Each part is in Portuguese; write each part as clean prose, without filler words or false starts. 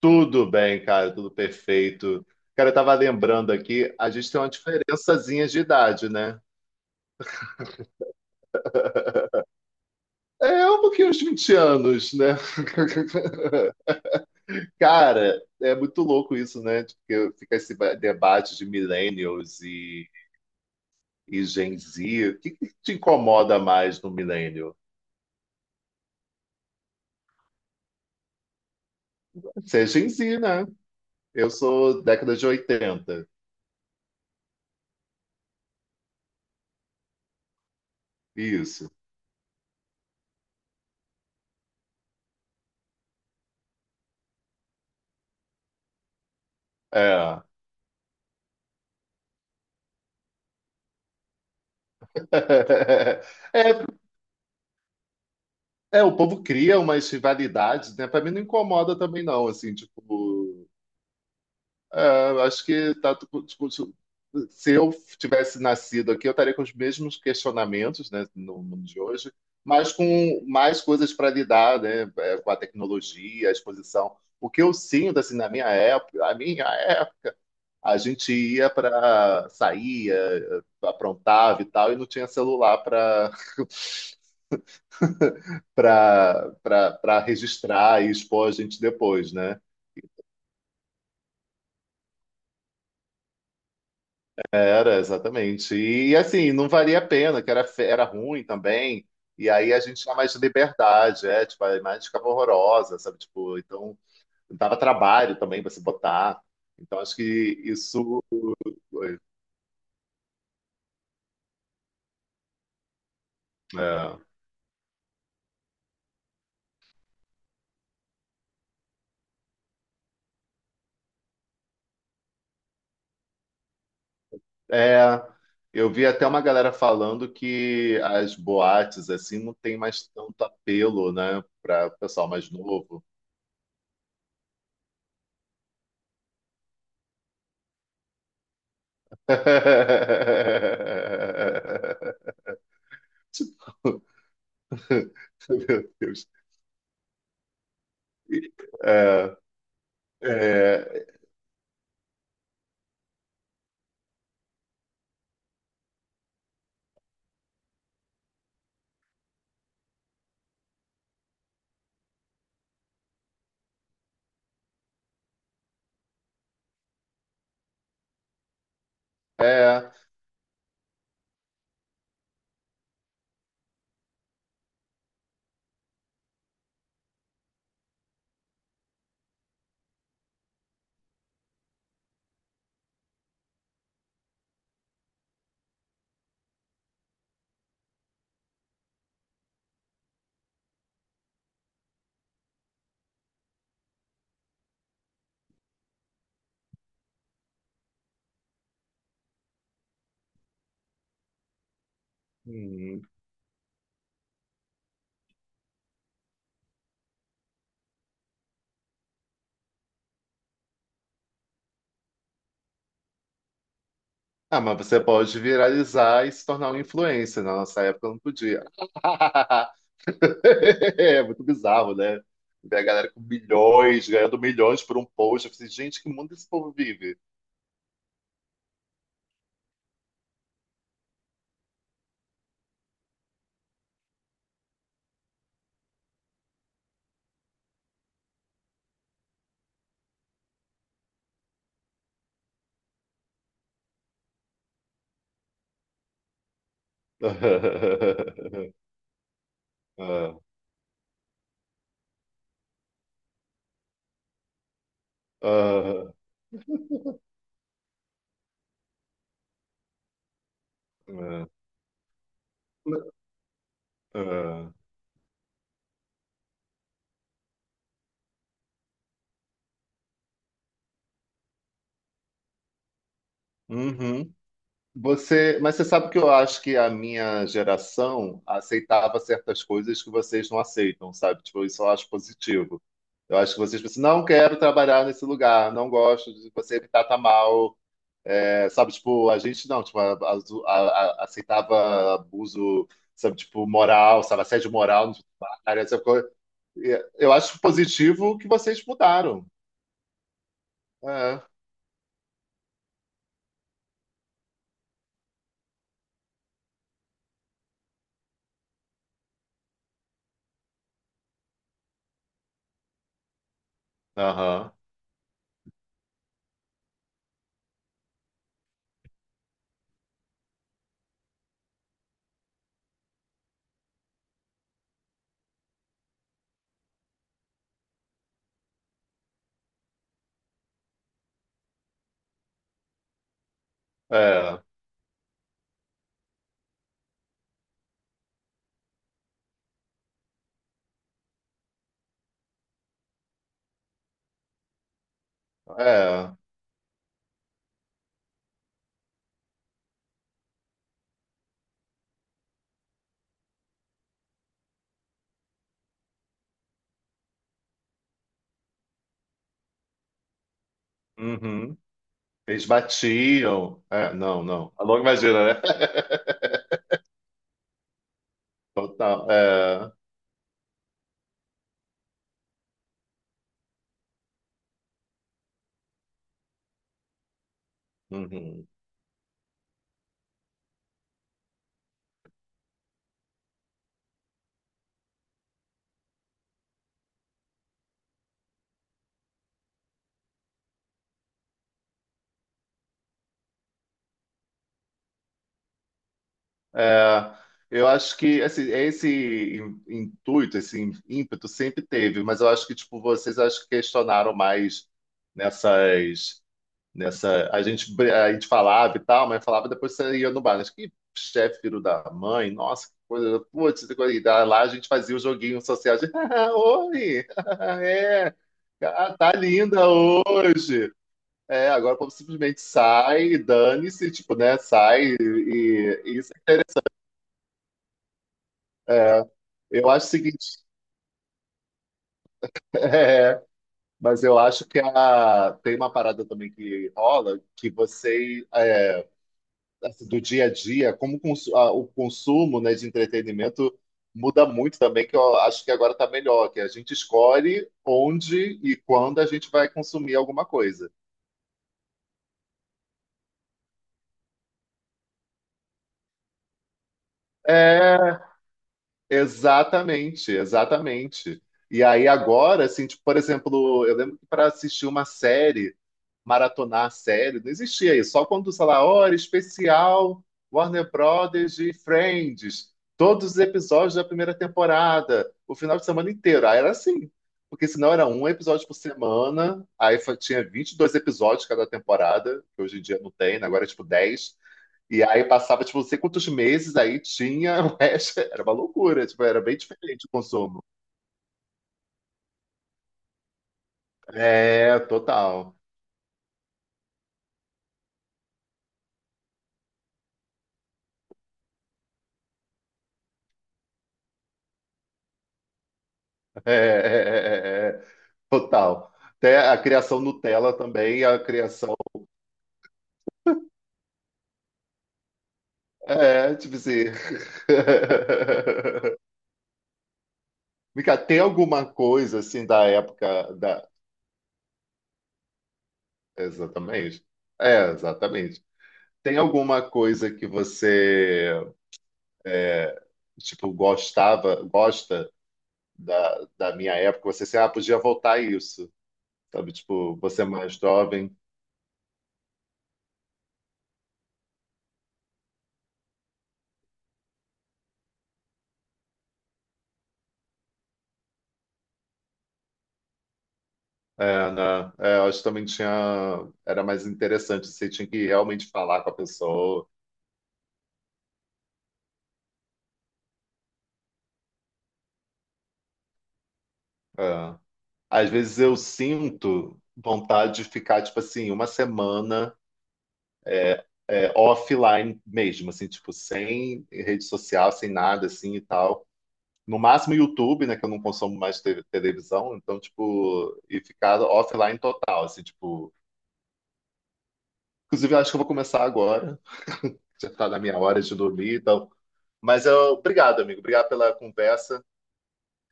Tudo bem, cara, tudo perfeito. Cara, eu tava lembrando aqui, a gente tem uma diferençazinha de idade, né? É um pouquinho uns 20 anos, né? Cara, é muito louco isso, né? Porque fica esse debate de millennials e Gen Z. O que que te incomoda mais no millennial? Você é Gen Z, né? Eu sou década de oitenta. Isso. É. É. É, o povo cria umas rivalidades, né? Pra mim não incomoda também, não, assim, tipo. É, eu acho que tá. Tipo, se eu tivesse nascido aqui, eu estaria com os mesmos questionamentos, né, no mundo de hoje, mas com mais coisas para lidar, né, é, com a tecnologia, a exposição. O que eu sinto, assim, na minha época, a gente ia para saía, aprontava e tal, e não tinha celular para registrar e expor a gente depois, né? Era, exatamente. E assim, não valia a pena, que era, era ruim também. E aí a gente tinha mais liberdade, é, tipo, a imagem ficava horrorosa, sabe? Tipo, então dava trabalho também para se botar. Então acho que isso foi. É. É, eu vi até uma galera falando que as boates assim não tem mais tanto apelo, né, para o pessoal mais novo. Meu Deus. É, é, é, hum. Ah, mas você pode viralizar e se tornar um influencer. Na nossa época eu não podia. É muito bizarro, né? Ver a galera com milhões, ganhando milhões por um post. Eu falei, gente, que mundo esse povo vive? Ah, ah, ah, ah. Uhum. Mas você sabe que eu acho que a minha geração aceitava certas coisas que vocês não aceitam, sabe? Tipo, isso eu acho positivo. Eu acho que vocês pensam, assim, não quero trabalhar nesse lugar, não gosto de você me trata mal. É, sabe? Tipo, a gente não, tipo, aceitava abuso, sabe? Tipo, moral, sabe? Assédio moral no trabalho, essa coisa. E eu acho positivo que vocês mudaram. É, aham, é, é, uhum. Eles batiam. É, não, não. A longa imagina, né? Total. É, uhum. É, eu acho que assim, esse intuito, esse ímpeto sempre teve, mas eu acho que tipo, vocês acho que questionaram mais nessas, nessa, a gente, a gente falava e tal, mas falava e depois você ia no bar, mas que chefe filho da mãe, nossa, que coisa, putz, que coisa. E lá a gente fazia o joguinho social de, oi, é, ah, tá linda hoje. É, agora o povo simplesmente sai, dane-se, tipo, né? Sai e isso. É, eu acho o seguinte, é, mas eu acho que a, tem uma parada também que rola que você é, assim, do dia a dia, como o o consumo, né, de entretenimento muda muito também, que eu acho que agora tá melhor, que a gente escolhe onde e quando a gente vai consumir alguma coisa. É, exatamente, exatamente. E aí agora, assim, tipo, por exemplo, eu lembro que para assistir uma série, maratonar a série, não existia isso. Só quando, sei lá, hora especial, Warner Brothers e Friends, todos os episódios da primeira temporada, o final de semana inteiro. Aí era assim, porque senão era um episódio por semana, aí tinha 22 episódios cada temporada, que hoje em dia não tem, né? Agora é tipo 10. E aí passava, tipo, não sei quantos meses, aí tinha o resto. Era uma loucura, tipo, era bem diferente o consumo. É, total. É, é, é, é, é, é, total. Até a criação Nutella também, a criação. É, tipo assim. Mica, tem alguma coisa, assim, da época da. Exatamente. É, exatamente. Tem alguma coisa que você, é, tipo, gostava, gosta da, da minha época? Você, assim, ah, podia voltar a isso. Sabe? Tipo, você é mais jovem. É, né? É, eu acho que também tinha. Era mais interessante, você tinha que realmente falar com a pessoa. É. Às vezes eu sinto vontade de ficar, tipo assim, uma semana é, offline mesmo, assim, tipo, sem rede social, sem nada, assim e tal. No máximo YouTube, né, que eu não consumo mais televisão, então, tipo, e ficar offline total, assim, tipo. Inclusive, eu acho que eu vou começar agora, já tá na minha hora de dormir, então mas eu, obrigado, amigo. Obrigado pela conversa.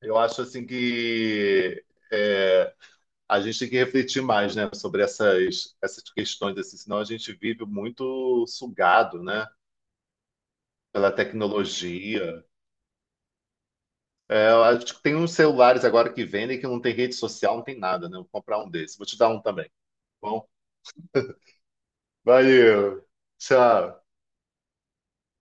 Eu acho assim que é, a gente tem que refletir mais, né, sobre essas, essas questões, assim, senão a gente vive muito sugado, né, pela tecnologia. É, eu acho que tem uns celulares agora que vendem que não tem rede social, não tem nada, né? Vou comprar um desses. Vou te dar um também. Tá bom, valeu. Tchau.